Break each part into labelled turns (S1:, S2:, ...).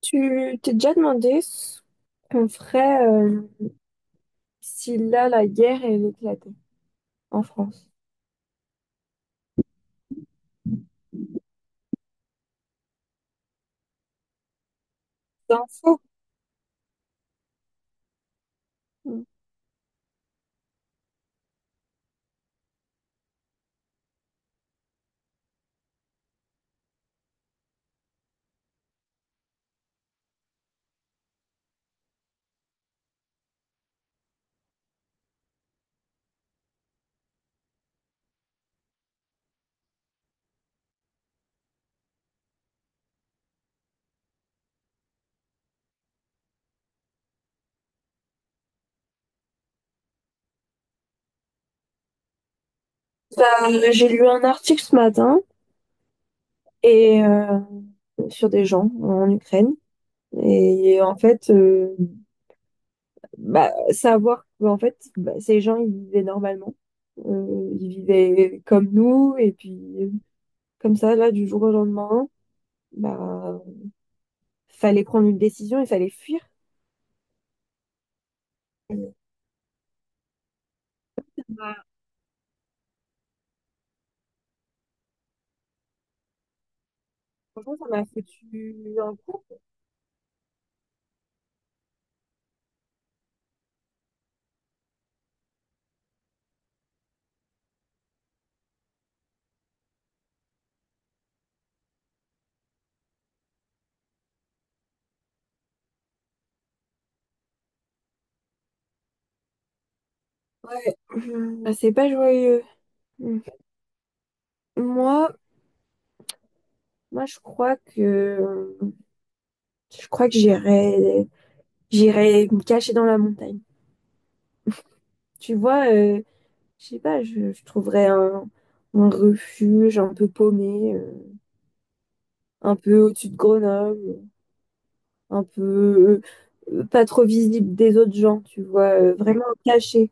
S1: Tu t'es déjà demandé ce qu'on ferait si là la guerre elle éclatait en France? C'est un fou. J'ai lu un article ce matin et sur des gens en Ukraine et en fait bah, savoir que, en fait bah, ces gens ils vivaient normalement. Ils vivaient comme nous et puis comme ça là du jour au lendemain bah fallait prendre une décision, il fallait fuir. Bah, franchement ça m'a foutu un coup. Ouais. Mhm. Bah, c'est pas joyeux. Mm. Moi, moi, je crois que je crois que j'irai me cacher dans la montagne. Tu vois, je sais pas, je trouverais un refuge un peu paumé, un peu au-dessus de Grenoble, un peu pas trop visible des autres gens, tu vois, vraiment caché.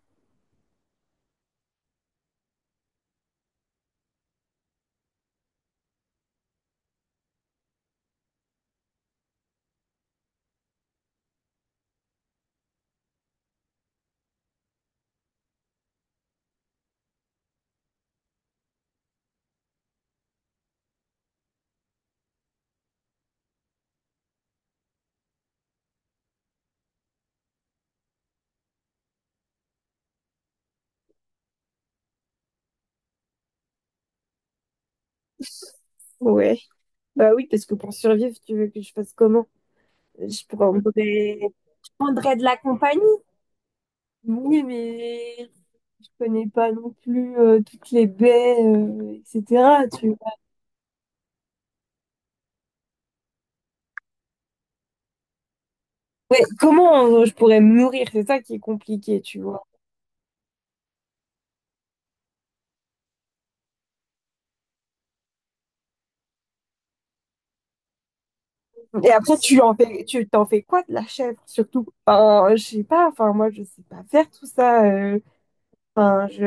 S1: Ouais. Bah oui, parce que pour survivre, tu veux que je fasse comment? Je prendrais, je prendrais de la compagnie. Oui, mais je connais pas non plus toutes les baies, etc. Tu vois. Ouais, comment je pourrais me nourrir? C'est ça qui est compliqué, tu vois. Et après, tu t'en fais quoi de la chèvre, surtout? Enfin, je sais pas, enfin, moi, je sais pas faire tout ça. Enfin, je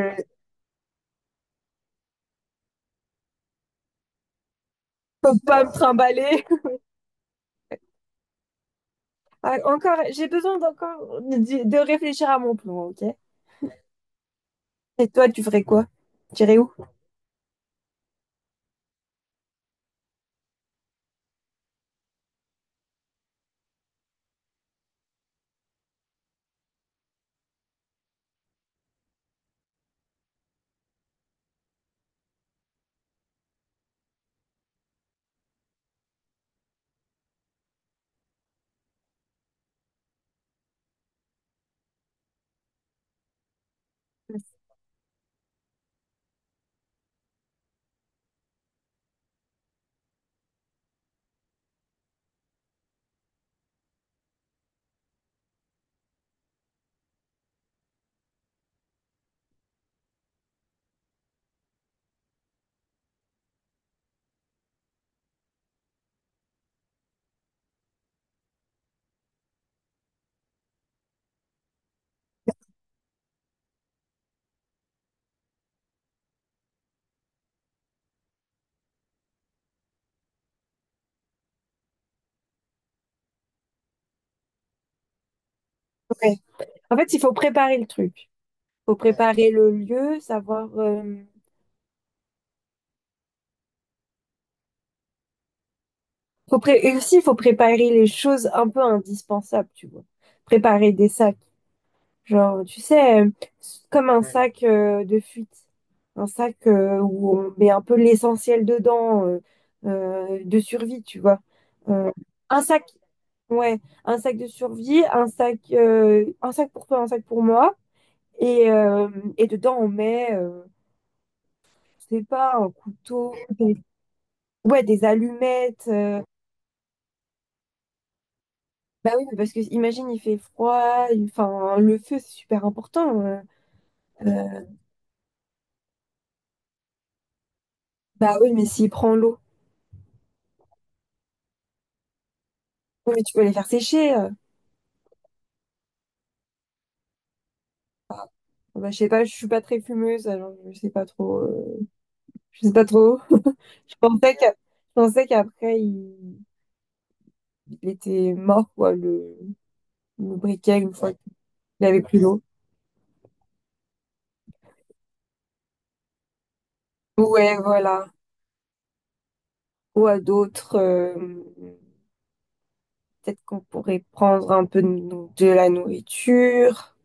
S1: peux pas me trimballer. Ah, encore, j'ai besoin d'encore de, réfléchir à mon plan, ok? Et toi, tu ferais quoi? Tu irais où? Ouais. En fait, il faut préparer le truc. Faut préparer le lieu, savoir. Et aussi, il faut préparer les choses un peu indispensables, tu vois. Préparer des sacs. Genre, tu sais, comme un ouais, sac de fuite. Un sac où on met un peu l'essentiel dedans, de survie, tu vois. Euh, un sac, ouais, un sac de survie, un sac pour toi, un sac pour moi. Et, euh, et dedans, on met, je sais pas, un couteau. Ouais, des allumettes. Bah oui, parce que imagine, il fait froid. Enfin, le feu, c'est super important. Euh, Bah oui, mais s'il prend l'eau, oui, mais tu peux les faire sécher. Enfin, bah, je sais pas, je suis pas très fumeuse, alors je sais pas trop. Je sais pas trop. Je pensais qu'après, il était mort, quoi, le briquet, une fois qu'il avait plus d'eau. Ouais, voilà. Ou à d'autres, peut-être qu'on pourrait prendre un peu de la nourriture.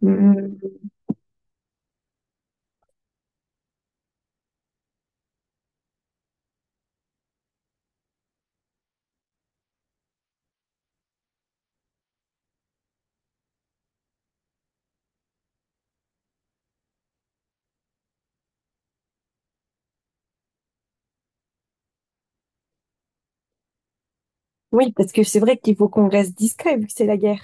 S1: Mm, mm. Oui, parce que c'est vrai qu'il faut qu'on reste discret vu que c'est la guerre.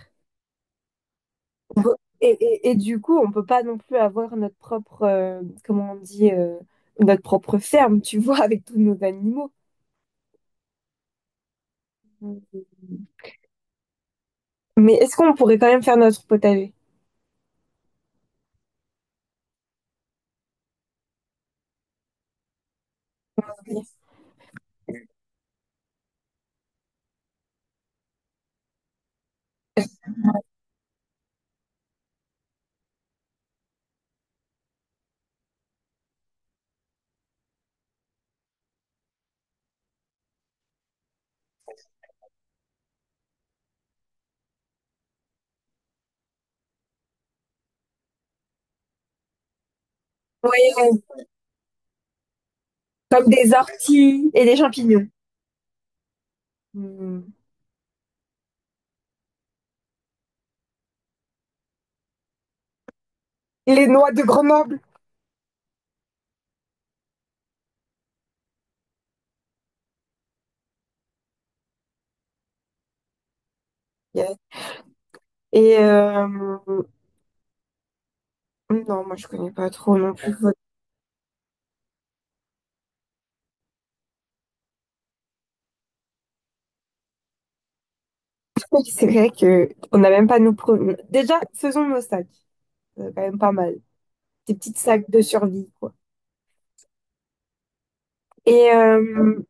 S1: Et du coup, on peut pas non plus avoir notre propre, comment on dit, notre propre ferme, tu vois, avec tous nos animaux. Mais est-ce qu'on pourrait quand même faire notre potager? Oui, oui, comme des orties et des champignons. Hmm. Les noix de Grenoble. Yes. Et non, moi je connais pas trop non plus votre truc. C'est vrai que on n'a même pas nos pro- Déjà, faisons nos sacs. C'est quand même pas mal. Des petites sacs de survie, quoi. Et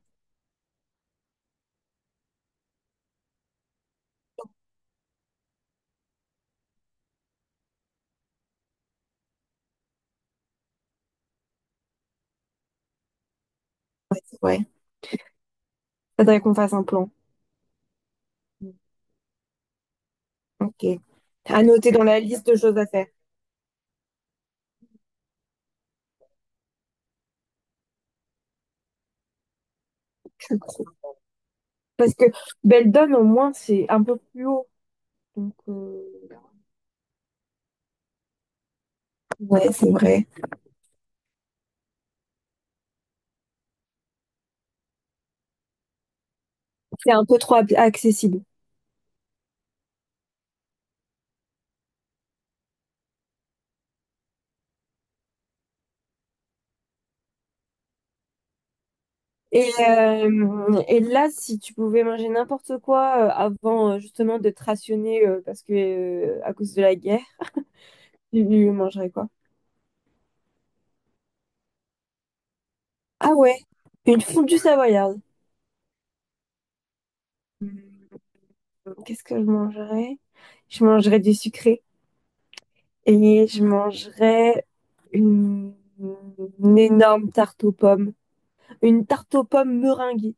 S1: ouais, faudrait qu'on fasse un plan. Ok. À noter dans la liste de choses à faire. Parce que Beldon, au moins, c'est un peu plus haut. Donc, ouais, c'est vrai. C'est un peu trop accessible. Et là, si tu pouvais manger n'importe quoi avant justement de te rationner parce que à cause de la guerre, tu mangerais quoi? Ah ouais, une fondue savoyarde. Hmm, qu'est-ce que je mangerais? Je mangerais du sucré. Et je mangerais une, une énorme tarte aux pommes. Une tarte aux pommes meringuée.